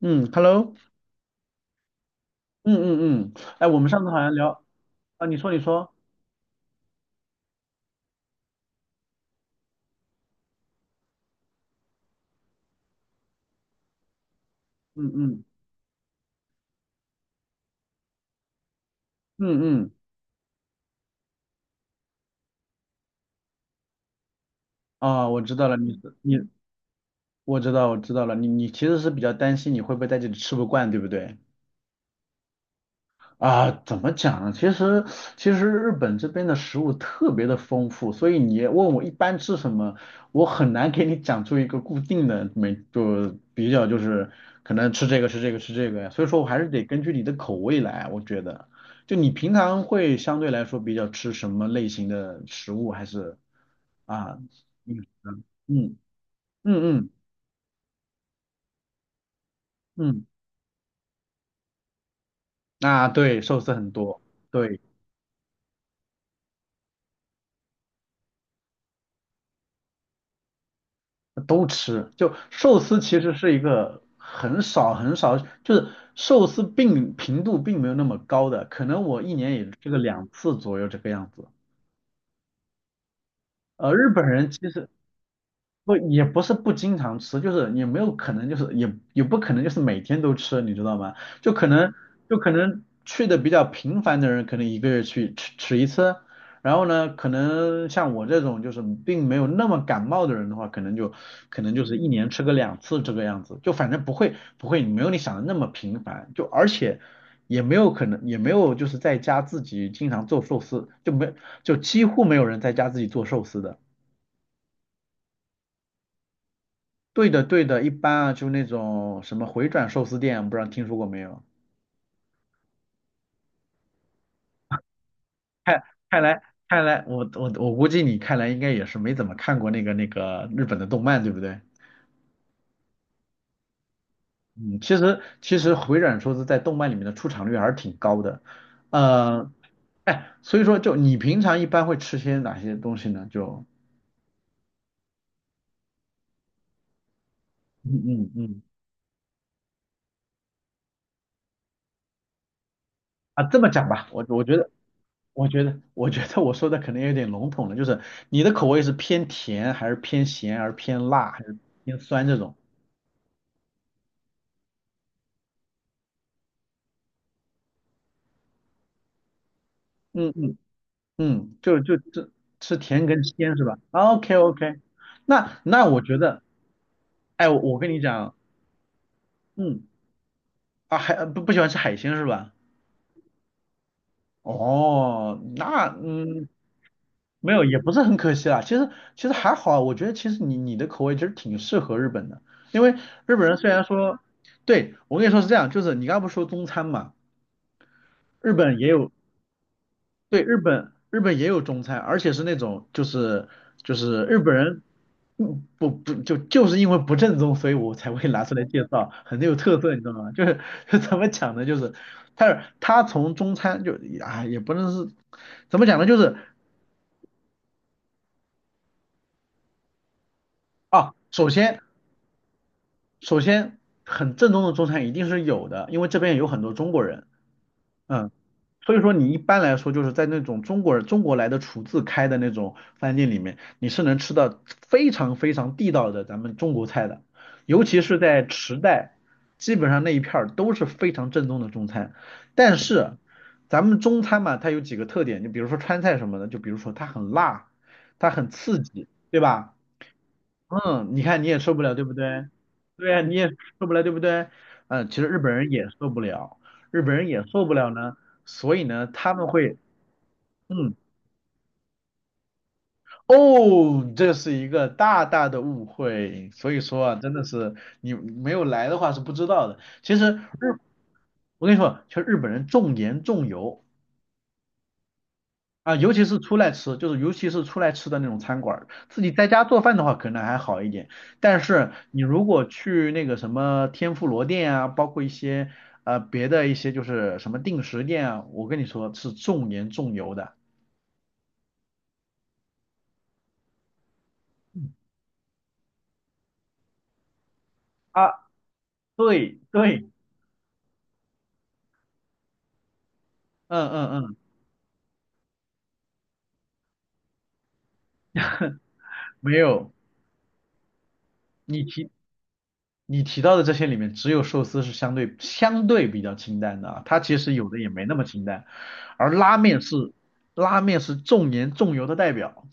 嗯，Hello，嗯嗯嗯，哎，我们上次好像聊。啊，你说你说。嗯嗯嗯嗯。啊，我知道了，你其实是比较担心你会不会在这里吃不惯，对不对？啊，怎么讲呢？其实日本这边的食物特别的丰富，所以你问我一般吃什么，我很难给你讲出一个固定的没就比较就是可能吃这个吃这个吃这个呀。所以说我还是得根据你的口味来，我觉得。就你平常会相对来说比较吃什么类型的食物，还是啊？嗯嗯嗯嗯嗯。啊对，寿司很多。对。都吃。就寿司其实是一个很少很少，就是寿司并频度并没有那么高的，可能我一年也就吃个两次左右这个样子。日本人其实不也不是不经常吃，就是也没有可能，就是也不可能就是每天都吃，你知道吗？就可能就可能去的比较频繁的人，可能一个月去吃吃一次。然后呢，可能像我这种就是并没有那么感冒的人的话，可能就是一年吃个两次这个样子，就反正不会没有你想的那么频繁，就而且也没有可能也没有就是在家自己经常做寿司，就几乎没有人在家自己做寿司的。对的，对的，一般啊，就那种什么回转寿司店，不知道听说过没有？看，看来，我估计你看来应该也是没怎么看过那个日本的动漫，对不对？嗯，其实回转寿司在动漫里面的出场率还是挺高的。呃，哎，所以说就你平常一般会吃些哪些东西呢？就嗯嗯嗯啊，这么讲吧，我觉得我说的可能有点笼统了，就是你的口味是偏甜还是偏咸，还是偏辣，还是偏酸这种？嗯嗯嗯，就这吃甜跟鲜是吧？OK OK。那我觉得。哎，我跟你讲。嗯啊还不喜欢吃海鲜是吧？哦，那嗯没有也不是很可惜啦。其实还好啊，我觉得其实你的口味其实挺适合日本的，因为日本人虽然说，对我跟你说是这样，就是你刚刚不是说中餐嘛，日本也有对，日本也有中餐，而且是那种就是日本人。嗯，不就是因为不正宗，所以我才会拿出来介绍，很有特色，你知道吗？就是 就怎么讲呢？就是他从中餐就啊也不能是怎么讲呢？就是啊，首先很正宗的中餐一定是有的，因为这边有很多中国人。嗯。所以说你一般来说就是在那种中国人中国来的厨子开的那种饭店里面，你是能吃到非常非常地道的咱们中国菜的，尤其是在池袋，基本上那一片儿都是非常正宗的中餐。但是咱们中餐嘛，它有几个特点，就比如说川菜什么的，就比如说它很辣，它很刺激，对吧？嗯，你看你也受不了，对不对？对呀，你也受不了，对不对？嗯，其实日本人也受不了，日本人也受不了呢，所以呢，他们会。嗯。哦，这是一个大大的误会，所以说啊，真的是你没有来的话是不知道的。其实日，我跟你说，其实日本人重盐重油。啊，尤其是出来吃的那种餐馆儿，自己在家做饭的话可能还好一点，但是你如果去那个什么天妇罗店啊，包括一些别的一些就是什么定时店啊，我跟你说是重盐重油的啊。对对。嗯嗯嗯。没有。你提你提到的这些里面，只有寿司是相对比较清淡的啊，它其实有的也没那么清淡，而拉面是重盐重油的代表。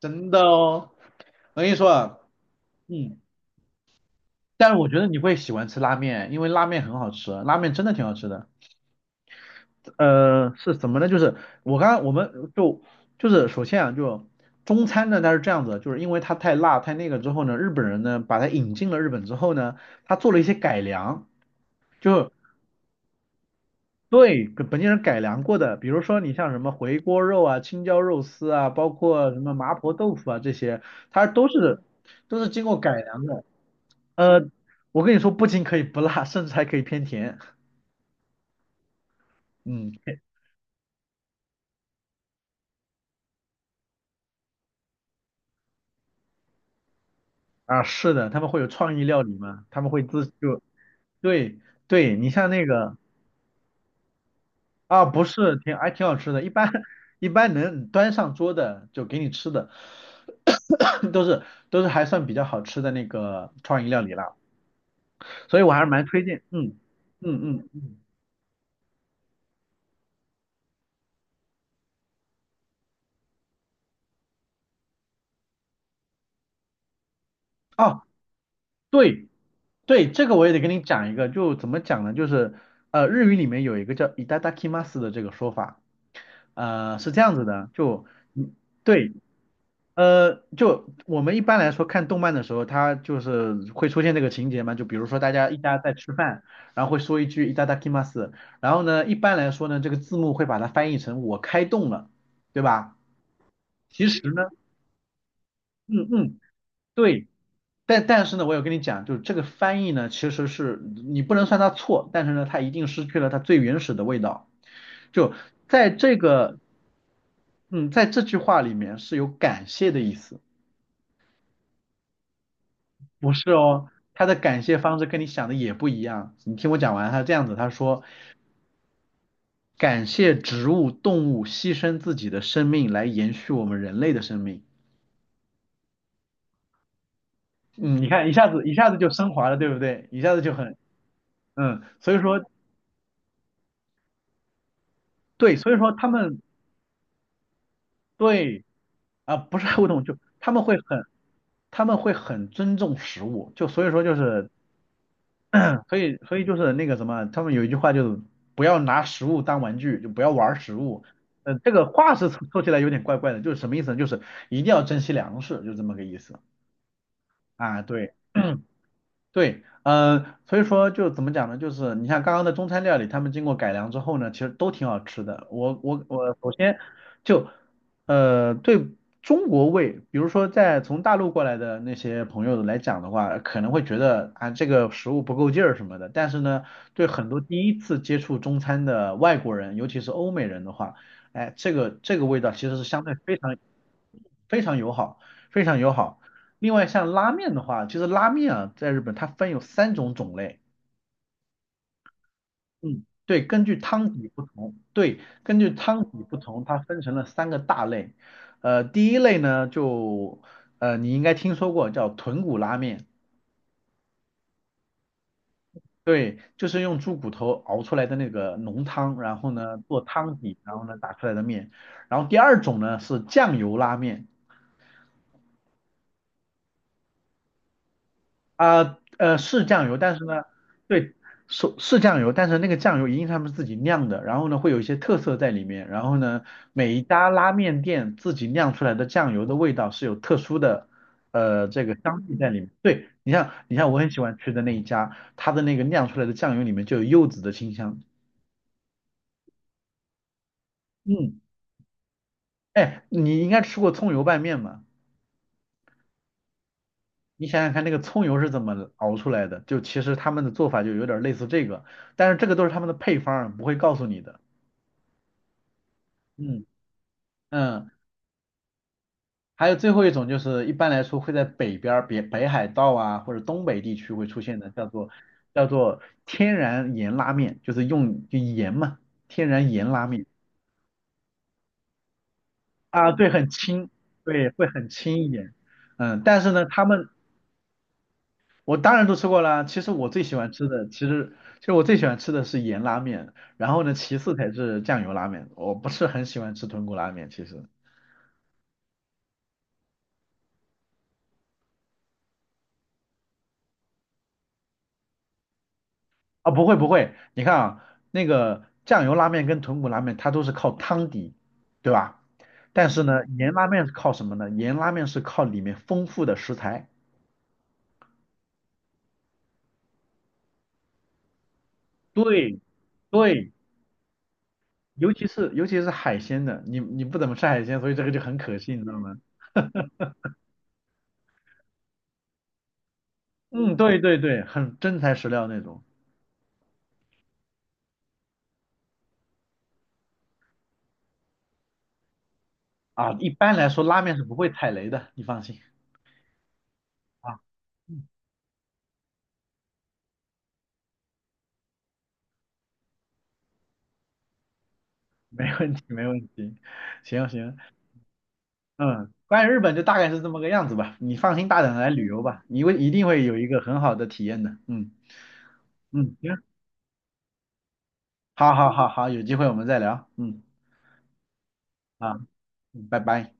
真的哦。我跟你说啊。嗯。但是我觉得你会喜欢吃拉面，因为拉面很好吃，拉面真的挺好吃的。是怎么呢？就是我刚刚我们就就是首先啊，就中餐呢它是这样子，就是因为它太辣太那个之后呢，日本人呢把它引进了日本之后呢，他做了一些改良，就对跟本地人改良过的，比如说你像什么回锅肉啊、青椒肉丝啊，包括什么麻婆豆腐啊这些，它都是经过改良的。呃，我跟你说，不仅可以不辣，甚至还可以偏甜。嗯。啊，是的，他们会有创意料理嘛，他们会对对，你像那个啊，不是挺好吃的，一般 一般能端上桌的就给你吃的，都是都是还算比较好吃的那个创意料理啦，所以我还是蛮推荐。嗯嗯嗯。哦，对对，这个我也得跟你讲一个，就怎么讲呢？就是日语里面有一个叫 i t a d a k i 的这个说法。是这样子的，就嗯对。就我们一般来说看动漫的时候，它就是会出现这个情节嘛，就比如说大家一家在吃饭，然后会说一句 i t a d a k i 然后呢，一般来说呢，这个字幕会把它翻译成我开动了，对吧？其实呢，嗯嗯。对，但是呢，我有跟你讲，就是这个翻译呢，其实是你不能算它错，但是呢，它一定失去了它最原始的味道。就在这个，嗯，在这句话里面是有感谢的意思。不是哦。他的感谢方式跟你想的也不一样。你听我讲完，他这样子，他说感谢植物、动物牺牲自己的生命来延续我们人类的生命。嗯，你看一下子一下子就升华了，对不对？一下子就很。嗯，所以说对，所以说他们对啊，不是爱护动物就他们会很尊重食物，就所以说就是 所以就是那个什么，他们有一句话就是不要拿食物当玩具，就不要玩儿食物。这个话是说说起来有点怪怪的，就是什么意思呢？就是一定要珍惜粮食，就这么个意思啊。对。对，所以说就怎么讲呢？就是你像刚刚的中餐料理，他们经过改良之后呢，其实都挺好吃的。我首先就对中国胃，比如说在从大陆过来的那些朋友来讲的话，可能会觉得啊这个食物不够劲儿什么的。但是呢，对很多第一次接触中餐的外国人，尤其是欧美人的话，哎，这个味道其实是相对非常非常友好，非常友好。另外像拉面的话，其实拉面啊，在日本它分有3种种类。嗯，对，根据汤底不同，对，根据汤底不同，它分成了3个大类。第一类呢，就你应该听说过叫豚骨拉面，对，就是用猪骨头熬出来的那个浓汤，然后呢做汤底，然后呢打出来的面。然后第二种呢是酱油拉面。啊是酱油，但是呢，对，是酱油，但是那个酱油一定是他们自己酿的，然后呢会有一些特色在里面，然后呢每一家拉面店自己酿出来的酱油的味道是有特殊的这个香气在里面。对，你像我很喜欢吃的那一家，它的那个酿出来的酱油里面就有柚子的清香。嗯。哎，你应该吃过葱油拌面嘛？你想想看，那个葱油是怎么熬出来的？就其实他们的做法就有点类似这个，但是这个都是他们的配方儿，不会告诉你的。嗯嗯。还有最后一种就是一般来说会在北边儿北海道啊或者东北地区会出现的，叫做天然盐拉面，就是用就盐嘛，天然盐拉面啊，对，很轻，对，会很轻一点。嗯，但是呢，我当然都吃过啦。其实我最喜欢吃的是盐拉面，然后呢，其次才是酱油拉面。我不是很喜欢吃豚骨拉面，其实。啊，不会不会，你看啊，那个酱油拉面跟豚骨拉面它都是靠汤底，对吧？但是呢，盐拉面是靠什么呢？盐拉面是靠里面丰富的食材。对对，尤其是海鲜的，你不怎么吃海鲜，所以这个就很可信，你知道吗？嗯，对对对，很真材实料那种啊。一般来说，拉面是不会踩雷的，你放心啊。没问题没问题。行行。嗯，关于日本就大概是这么个样子吧，你放心大胆的来旅游吧，你一定会有一个很好的体验的。嗯嗯。行。好好好好，有机会我们再聊。嗯。啊。嗯拜拜。